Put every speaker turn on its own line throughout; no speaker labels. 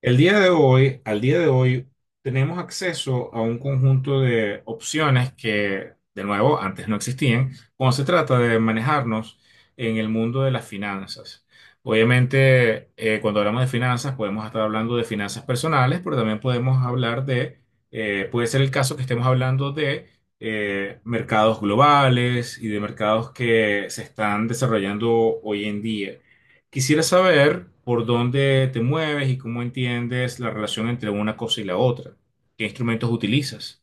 El día de hoy, al día de hoy, tenemos acceso a un conjunto de opciones que, de nuevo, antes no existían, cuando se trata de manejarnos en el mundo de las finanzas. Obviamente, cuando hablamos de finanzas, podemos estar hablando de finanzas personales, pero también podemos hablar de, puede ser el caso que estemos hablando de mercados globales y de mercados que se están desarrollando hoy en día. Quisiera saber por dónde te mueves y cómo entiendes la relación entre una cosa y la otra. ¿Qué instrumentos utilizas?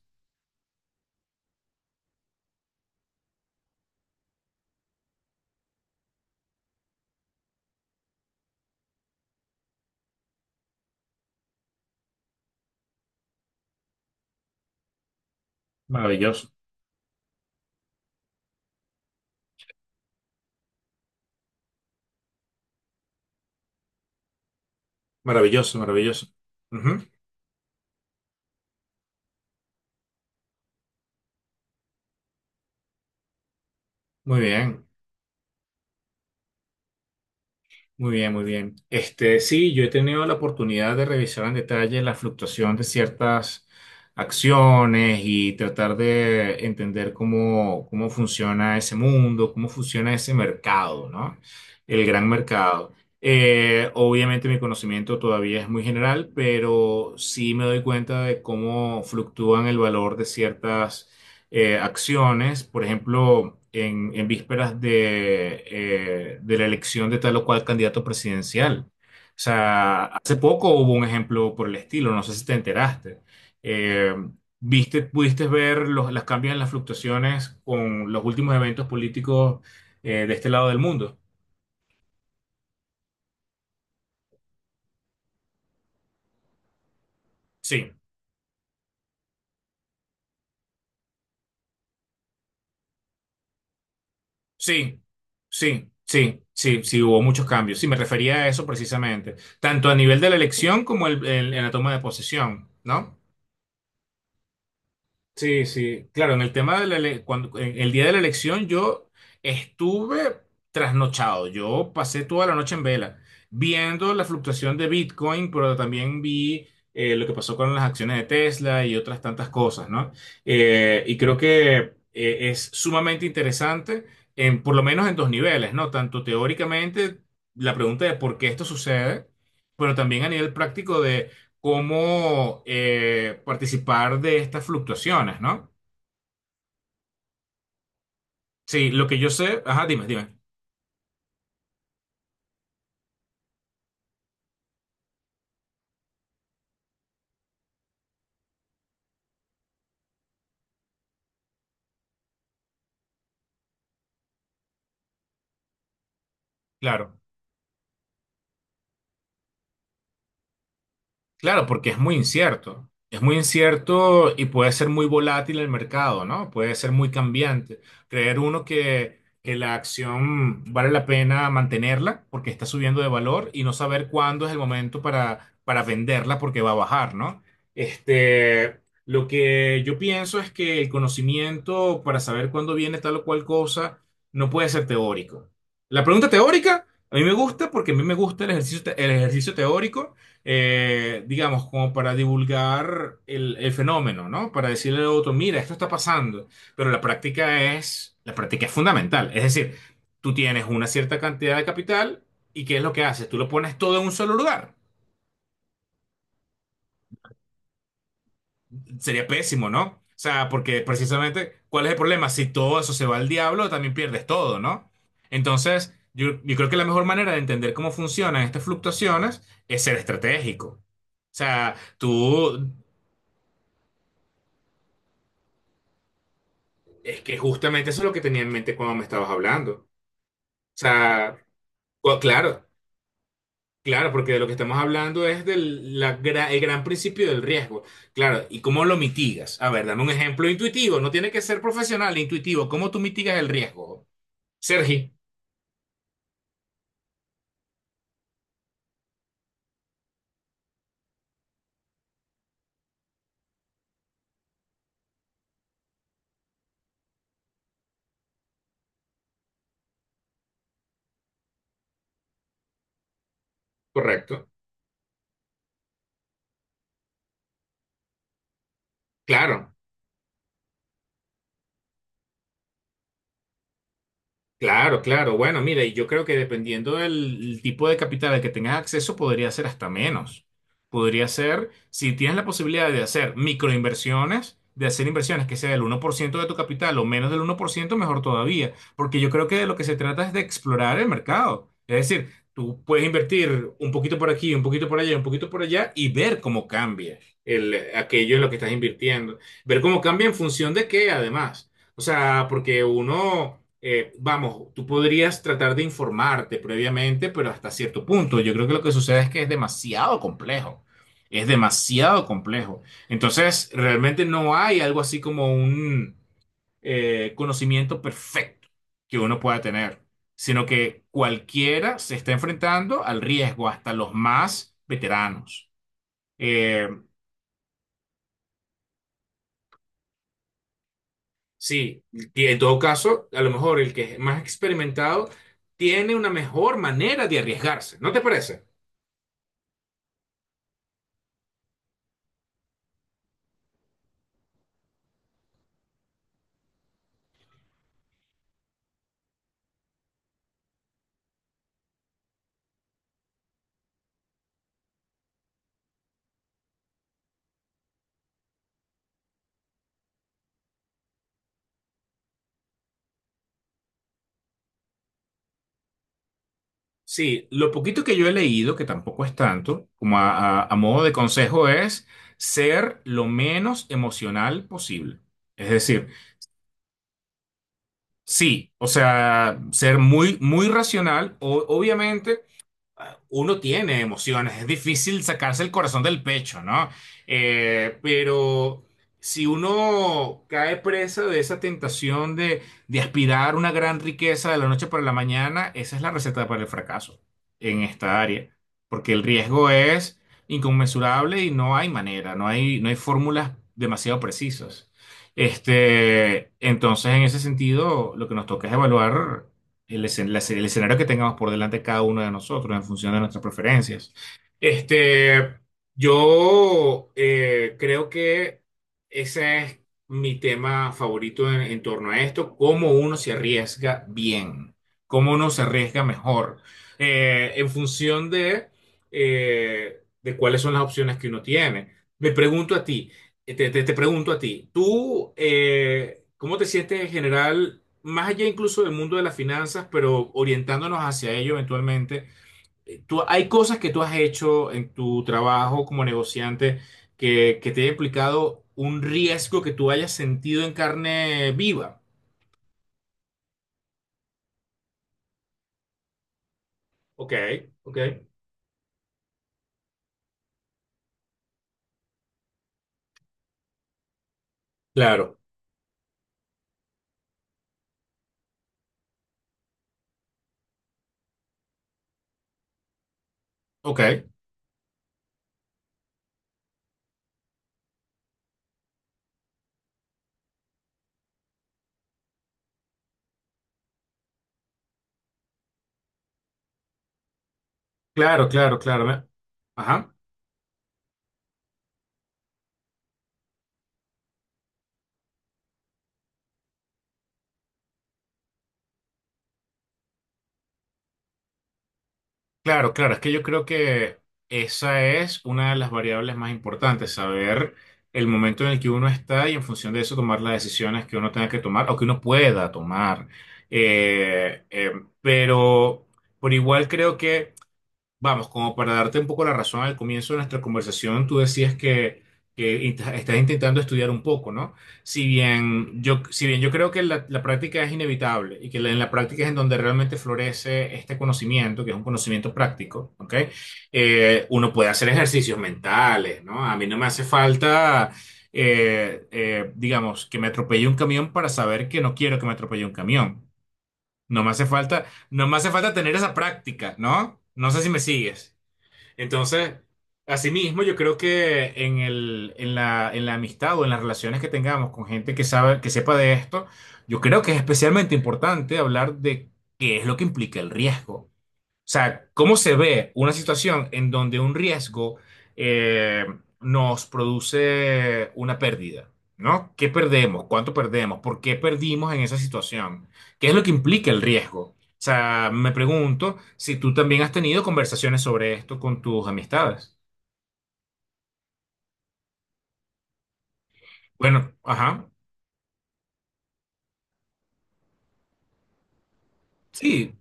Maravilloso, maravilloso, maravilloso. Ujú. Muy bien. Muy bien, muy bien. Este, sí, yo he tenido la oportunidad de revisar en detalle la fluctuación de ciertas acciones y tratar de entender cómo, cómo funciona ese mundo, cómo funciona ese mercado, ¿no? El gran mercado. Obviamente mi conocimiento todavía es muy general, pero sí me doy cuenta de cómo fluctúan el valor de ciertas acciones, por ejemplo, en vísperas de la elección de tal o cual candidato presidencial. O sea, hace poco hubo un ejemplo por el estilo, no sé si te enteraste. Eh, ¿Viste, pudiste ver los cambios en las fluctuaciones con los últimos eventos políticos de este lado del mundo? Sí, sí, sí, sí, sí, sí, hubo muchos cambios. Sí, me refería a eso precisamente, tanto a nivel de la elección como en la toma de posesión, ¿no? Sí, sí, claro, en el tema de la cuando, en el día de la elección yo estuve trasnochado, yo pasé toda la noche en vela, viendo la fluctuación de Bitcoin, pero también vi lo que pasó con las acciones de Tesla y otras tantas cosas, ¿no? Y creo que es sumamente interesante, en, por lo menos en dos niveles, ¿no? Tanto teóricamente la pregunta de por qué esto sucede, pero también a nivel práctico cómo participar de estas fluctuaciones, ¿no? Sí, lo que yo sé, ajá, dime, dime. Claro. Claro, porque es muy incierto. Es muy incierto y puede ser muy volátil el mercado, ¿no? Puede ser muy cambiante. Creer uno que la acción vale la pena mantenerla porque está subiendo de valor y no saber cuándo es el momento para venderla porque va a bajar, ¿no? Este, lo que yo pienso es que el conocimiento para saber cuándo viene tal o cual cosa no puede ser teórico. La pregunta teórica a mí me gusta porque a mí me gusta el ejercicio, el ejercicio teórico digamos, como para divulgar el fenómeno, ¿no? Para decirle al otro, mira, esto está pasando, pero la práctica es fundamental. Es decir, tú tienes una cierta cantidad de capital y ¿qué es lo que haces? Tú lo pones todo en un solo lugar. Sería pésimo, ¿no? O sea, porque precisamente, ¿cuál es el problema? Si todo eso se va al diablo, también pierdes todo, ¿no? Entonces, yo, creo que la mejor manera de entender cómo funcionan estas fluctuaciones es ser estratégico. O sea, tú. Es que justamente eso es lo que tenía en mente cuando me estabas hablando. O sea, claro, claro, porque de lo que estamos hablando es del el gran principio del riesgo. Claro, ¿y cómo lo mitigas? A ver, dame un ejemplo intuitivo. No tiene que ser profesional, intuitivo. ¿Cómo tú mitigas el riesgo? Sergi, correcto. Claro. Claro, claro. Bueno, mira, y yo creo que dependiendo del tipo de capital al que tengas acceso, podría ser hasta menos. Podría ser, si tienes la posibilidad de hacer microinversiones, de hacer inversiones que sea del uno por ciento de tu capital o menos del uno por ciento, mejor todavía. Porque yo creo que de lo que se trata es de explorar el mercado. Es decir, tú puedes invertir un poquito por aquí, un poquito por allá, un poquito por allá y ver cómo cambia el, aquello en lo que estás invirtiendo. Ver cómo cambia en función de qué, además. O sea, porque uno, vamos, tú podrías tratar de informarte previamente, pero hasta cierto punto. Yo creo que lo que sucede es que es demasiado complejo. Es demasiado complejo. Entonces, realmente no hay algo así como un conocimiento perfecto que uno pueda tener, sino que cualquiera se está enfrentando al riesgo, hasta los más veteranos. Eh, Sí, y en todo caso, a lo mejor el que es más experimentado tiene una mejor manera de arriesgarse, ¿no te parece? Sí, lo poquito que yo he leído, que tampoco es tanto, como a, a modo de consejo, es ser lo menos emocional posible. Es decir, sí, o sea, ser muy, muy racional, obviamente. Uno tiene emociones, es difícil sacarse el corazón del pecho, ¿no? Pero si uno cae presa de esa tentación de aspirar una gran riqueza de la noche para la mañana, esa es la receta para el fracaso en esta área, porque el riesgo es inconmensurable y no hay manera, no hay, no hay fórmulas demasiado precisas. Este, entonces, en ese sentido, lo que nos toca es evaluar el, la el escenario que tengamos por delante cada uno de nosotros en función de nuestras preferencias. Este, yo creo que ese es mi tema favorito en torno a esto, cómo uno se arriesga bien, cómo uno se arriesga mejor, en función de cuáles son las opciones que uno tiene. Me pregunto a ti, te, te pregunto a ti, ¿tú cómo te sientes en general? Más allá incluso del mundo de las finanzas, pero orientándonos hacia ello eventualmente, tú, hay cosas que tú has hecho en tu trabajo como negociante que te haya implicado un riesgo que tú hayas sentido en carne viva. Ok, ok. Claro. Ok, claro, claro, claro. Ajá. Claro, claro, es que yo creo que esa es una de las variables más importantes, saber el momento en el que uno está y en función de eso tomar las decisiones que uno tenga que tomar o que uno pueda tomar. Eh, eh, pero por igual creo que vamos, como para darte un poco la razón al comienzo de nuestra conversación, tú decías que estás intentando estudiar un poco, ¿no? Si bien yo, si bien yo creo que la práctica es inevitable y que en la práctica es en donde realmente florece este conocimiento, que es un conocimiento práctico, ¿ok? Uno puede hacer ejercicios mentales, ¿no? A mí no me hace falta, digamos, que me atropelle un camión para saber que no quiero que me atropelle un camión. No me hace falta, no me hace falta tener esa práctica, ¿no? No sé si me sigues. Entonces, asimismo, yo creo que en el, en la amistad o en las relaciones que tengamos con gente que sabe, que sepa de esto, yo creo que es especialmente importante hablar de qué es lo que implica el riesgo. O sea, ¿cómo se ve una situación en donde un riesgo eh, nos produce una pérdida? ¿No? ¿Qué perdemos? ¿Cuánto perdemos? ¿Por qué perdimos en esa situación? ¿Qué es lo que implica el riesgo? O sea, me pregunto si tú también has tenido conversaciones sobre esto con tus amistades. Bueno, ajá. Sí,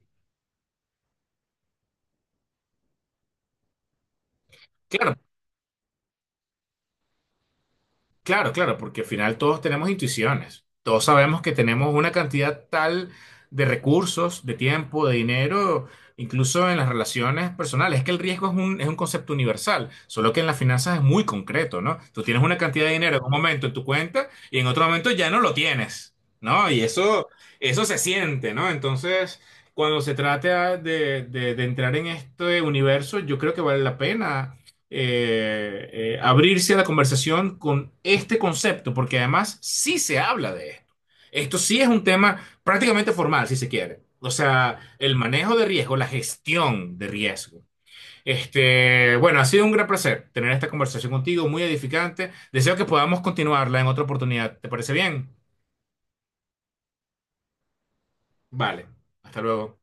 claro. Claro, claro, porque al final todos tenemos intuiciones. Todos sabemos que tenemos una cantidad tal de recursos, de tiempo, de dinero, incluso en las relaciones personales. Es que el riesgo es un concepto universal, solo que en las finanzas es muy concreto, ¿no? Tú tienes una cantidad de dinero en un momento en tu cuenta y en otro momento ya no lo tienes, ¿no? Y eso se siente, ¿no? Entonces, cuando se trata de entrar en este universo, yo creo que vale la pena abrirse a la conversación con este concepto, porque además sí se habla de esto. Esto sí es un tema prácticamente formal, si se quiere. O sea, el manejo de riesgo, la gestión de riesgo. Este, bueno, ha sido un gran placer tener esta conversación contigo, muy edificante. Deseo que podamos continuarla en otra oportunidad. ¿Te parece bien? Vale, hasta luego.